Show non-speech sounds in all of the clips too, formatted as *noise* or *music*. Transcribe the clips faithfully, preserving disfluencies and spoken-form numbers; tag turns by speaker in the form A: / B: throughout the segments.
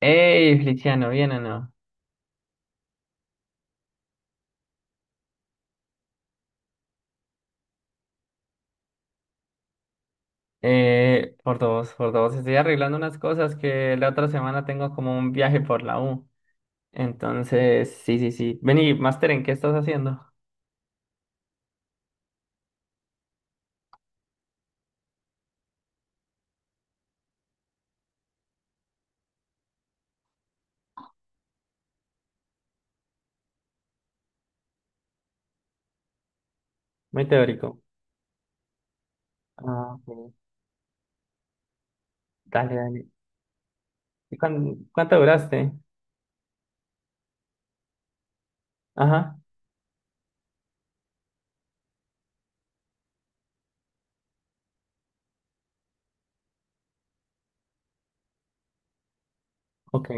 A: Hey, Feliciano, ¿bien o no? Eh, por dos, por dos. Estoy arreglando unas cosas que la otra semana tengo como un viaje por la U. Entonces, sí, sí, sí. Vení, Master, ¿en qué estás haciendo? Muy teórico. Ah, ok. Dale, dale. ¿Y cuán- Cuánto duraste? Ajá, ok,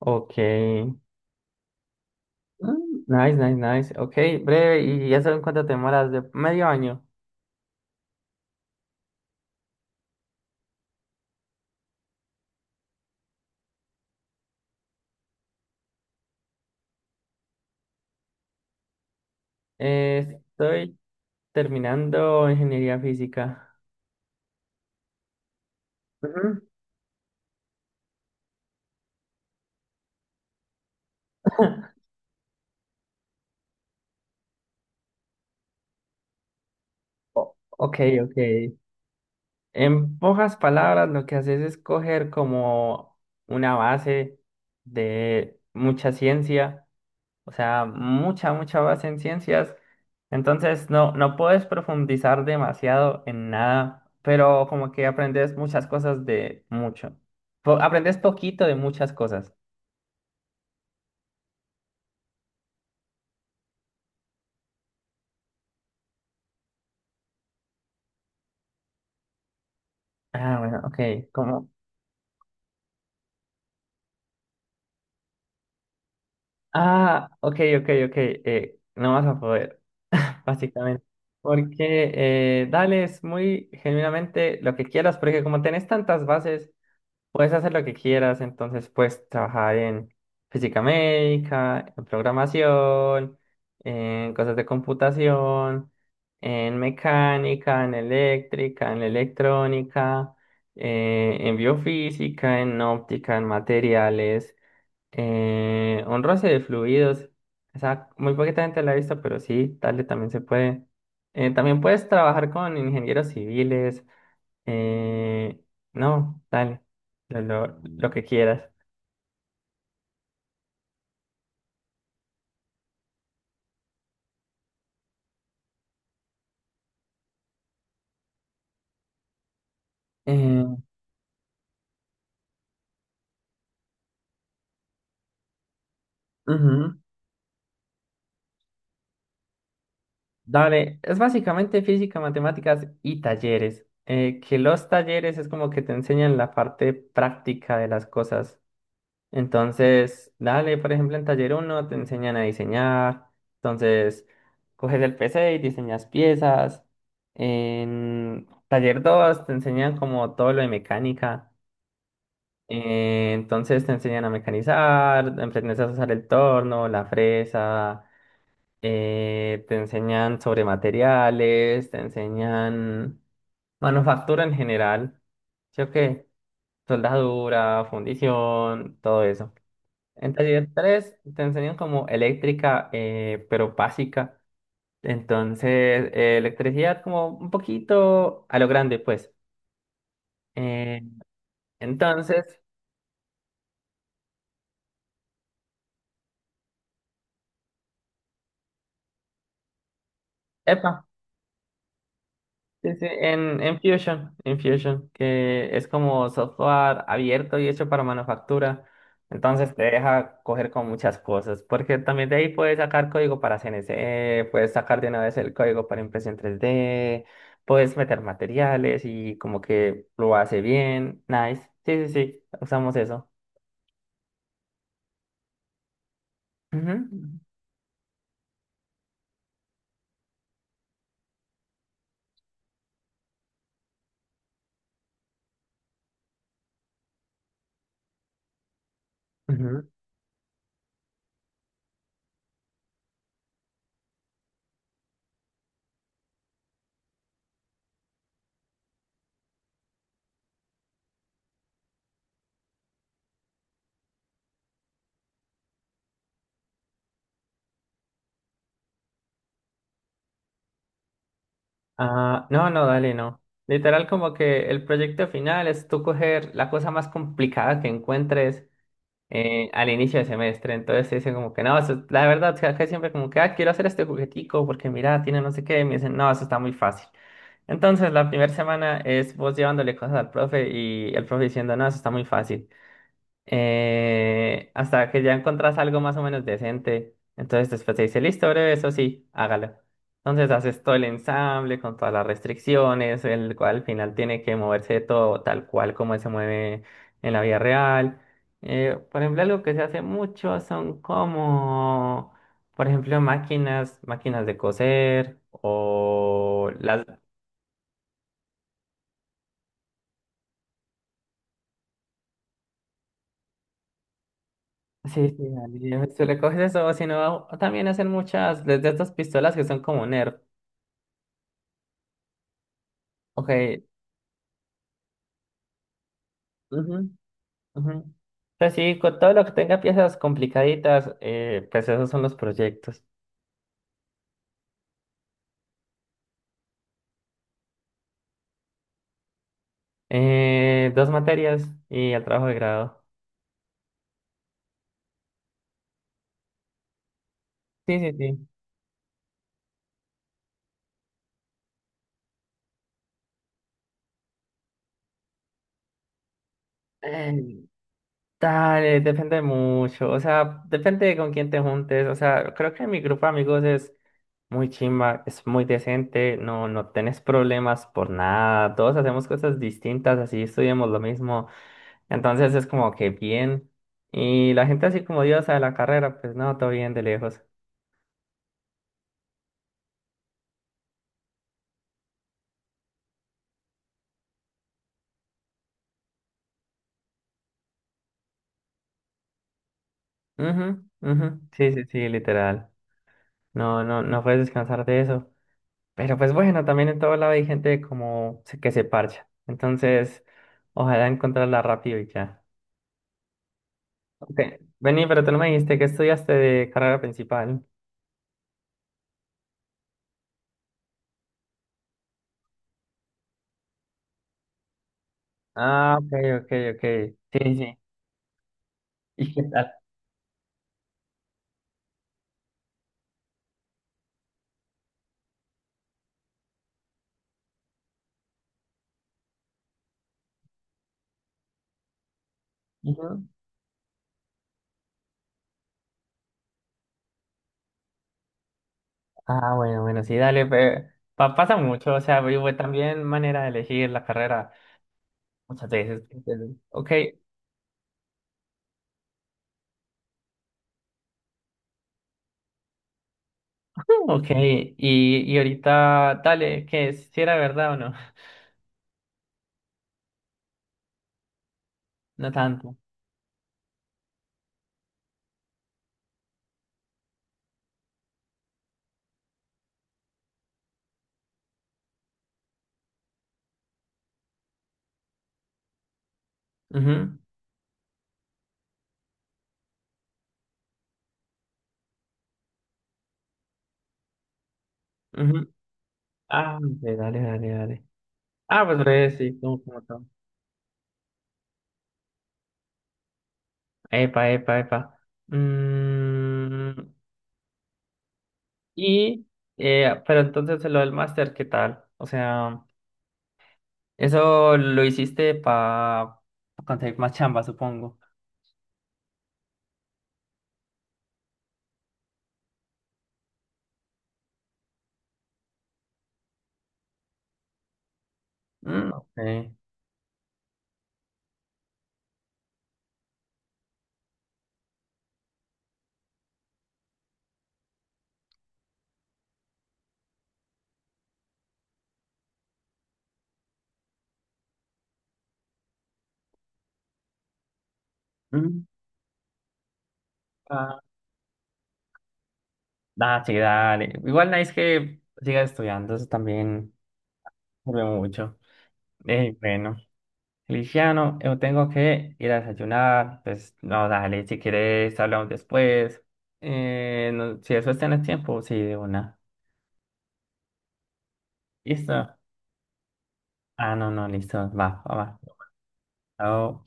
A: ok. Mm, nice, nice, nice. Ok, breve. ¿Y ya saben cuánto te demoras? ¿De medio año? Eh, estoy terminando ingeniería física. Ujú. *laughs* Ok, ok. En pocas palabras, lo que haces es coger como una base de mucha ciencia, o sea, mucha, mucha base en ciencias. Entonces, no, no puedes profundizar demasiado en nada, pero como que aprendes muchas cosas de mucho. Po- aprendes poquito de muchas cosas. Ah, bueno, ok, como... Ah, ok, ok, ok, eh, no vas a poder. Básicamente. Porque eh, dale, es muy genuinamente lo que quieras, porque como tenés tantas bases, puedes hacer lo que quieras, entonces puedes trabajar en física médica, en programación, en cosas de computación, en mecánica, en eléctrica, en electrónica, eh, en biofísica, en óptica, en materiales. Eh, un roce de fluidos. O sea, muy poquita gente la ha visto, pero sí, dale, también se puede. Eh, también puedes trabajar con ingenieros civiles. eh, no, dale, lo, lo- lo que quieras. Eh, Ujú. Dale, es básicamente física, matemáticas y talleres. Eh, que los talleres es como que te enseñan la parte práctica de las cosas. Entonces, dale, por ejemplo, en taller uno te enseñan a diseñar. Entonces, coges el P C y diseñas piezas. En taller dos te enseñan como todo lo de mecánica. Eh, entonces te enseñan a mecanizar, aprendes a usar el torno, la fresa, eh, te enseñan sobre materiales, te enseñan manufactura en general, ¿sí o qué? Soldadura, fundición, todo eso. En taller tres te enseñan como eléctrica, eh, pero básica. Entonces, eh, electricidad como un poquito a lo grande, pues. Eh, entonces, Epa. Sí, sí, en, en Fusion, en Fusion, que es como software abierto y hecho para manufactura. Entonces te deja coger con muchas cosas, porque también de ahí puedes sacar código para C N C, puedes sacar de una vez el código para impresión tres d, puedes meter materiales y como que lo hace bien. Nice. Sí, sí, sí, usamos eso. Ujú, ujú. Ah, no, no, dale, no. Literal como que el proyecto final es tú coger la cosa más complicada que encuentres eh, al inicio de semestre. Entonces dicen como que no, eso- la verdad, o sea, acá siempre como que, ah, quiero hacer este juguetico porque mira, tiene no sé qué. Y me dicen, no, eso está muy fácil. Entonces la primera semana es vos llevándole cosas al profe y el profe diciendo, no, eso está muy fácil, eh, hasta que ya encontrás algo más o menos decente. Entonces después te dice, listo, breve, eso sí, hágalo. Entonces haces todo el ensamble con todas las restricciones, el cual al final tiene que moverse todo tal cual como se mueve en la vida real. Eh, por ejemplo, algo que se hace mucho son como, por ejemplo, máquinas, máquinas de coser o las... Sí, sí, dale, tú le coges eso, sino también hacen muchas, desde estas pistolas que son como Nerf. Ok, ujú, ujú. Pues sí, con todo lo que tenga piezas complicaditas, eh, pues esos son los proyectos. Eh, dos materias y el trabajo de grado. Sí, sí, sí. Eh, Dale, depende mucho, o sea, depende de con quién te juntes, o sea, creo que mi grupo de amigos es muy chimba, es muy decente, no, no tenés problemas por nada, todos hacemos cosas distintas, así estudiamos lo mismo. Entonces es como que bien. Y la gente así como diosa de la carrera, pues no, todo bien de lejos. Ujú, ujú. Sí, sí, sí, literal. No, no, no puedes descansar de eso. Pero pues bueno, también en todo lado hay gente como se- que se parcha. Entonces, ojalá encontrarla rápido y ya. Ok, vení, pero tú no me dijiste que estudiaste de carrera principal. Ah, ok, ok, ok. Sí, sí, sí. *laughs* ¿Y qué tal? Ujú. Ah, bueno, bueno, sí, dale, pe- pa- pasa mucho, o sea, yo también manera de elegir la carrera. Muchas veces. Entonces, ok. *laughs* Ok. Y, y ahorita, dale, que si era verdad o no. *laughs* No tanto. Ujú, ujú. Ah, hombre, dale, dale, dale. Ah, pues breve, sí, como, como todo. Epa, epa, epa. Mm, y, eh, pero entonces lo del máster, ¿qué tal? O sea, eso lo hiciste para conseguir más chamba, supongo. Mm, ok. Mm, ah, ah, sí, dale. Igual nice que sigas estudiando, eso también. Hombre, mucho. Eh, bueno, Feliciano, yo tengo que ir a desayunar. Pues no, dale, si quieres hablamos después. Eh, no, si eso tienes tiempo, sí, de una. ¿Listo? Ah, no, no, listo. Va, va, va. Chao.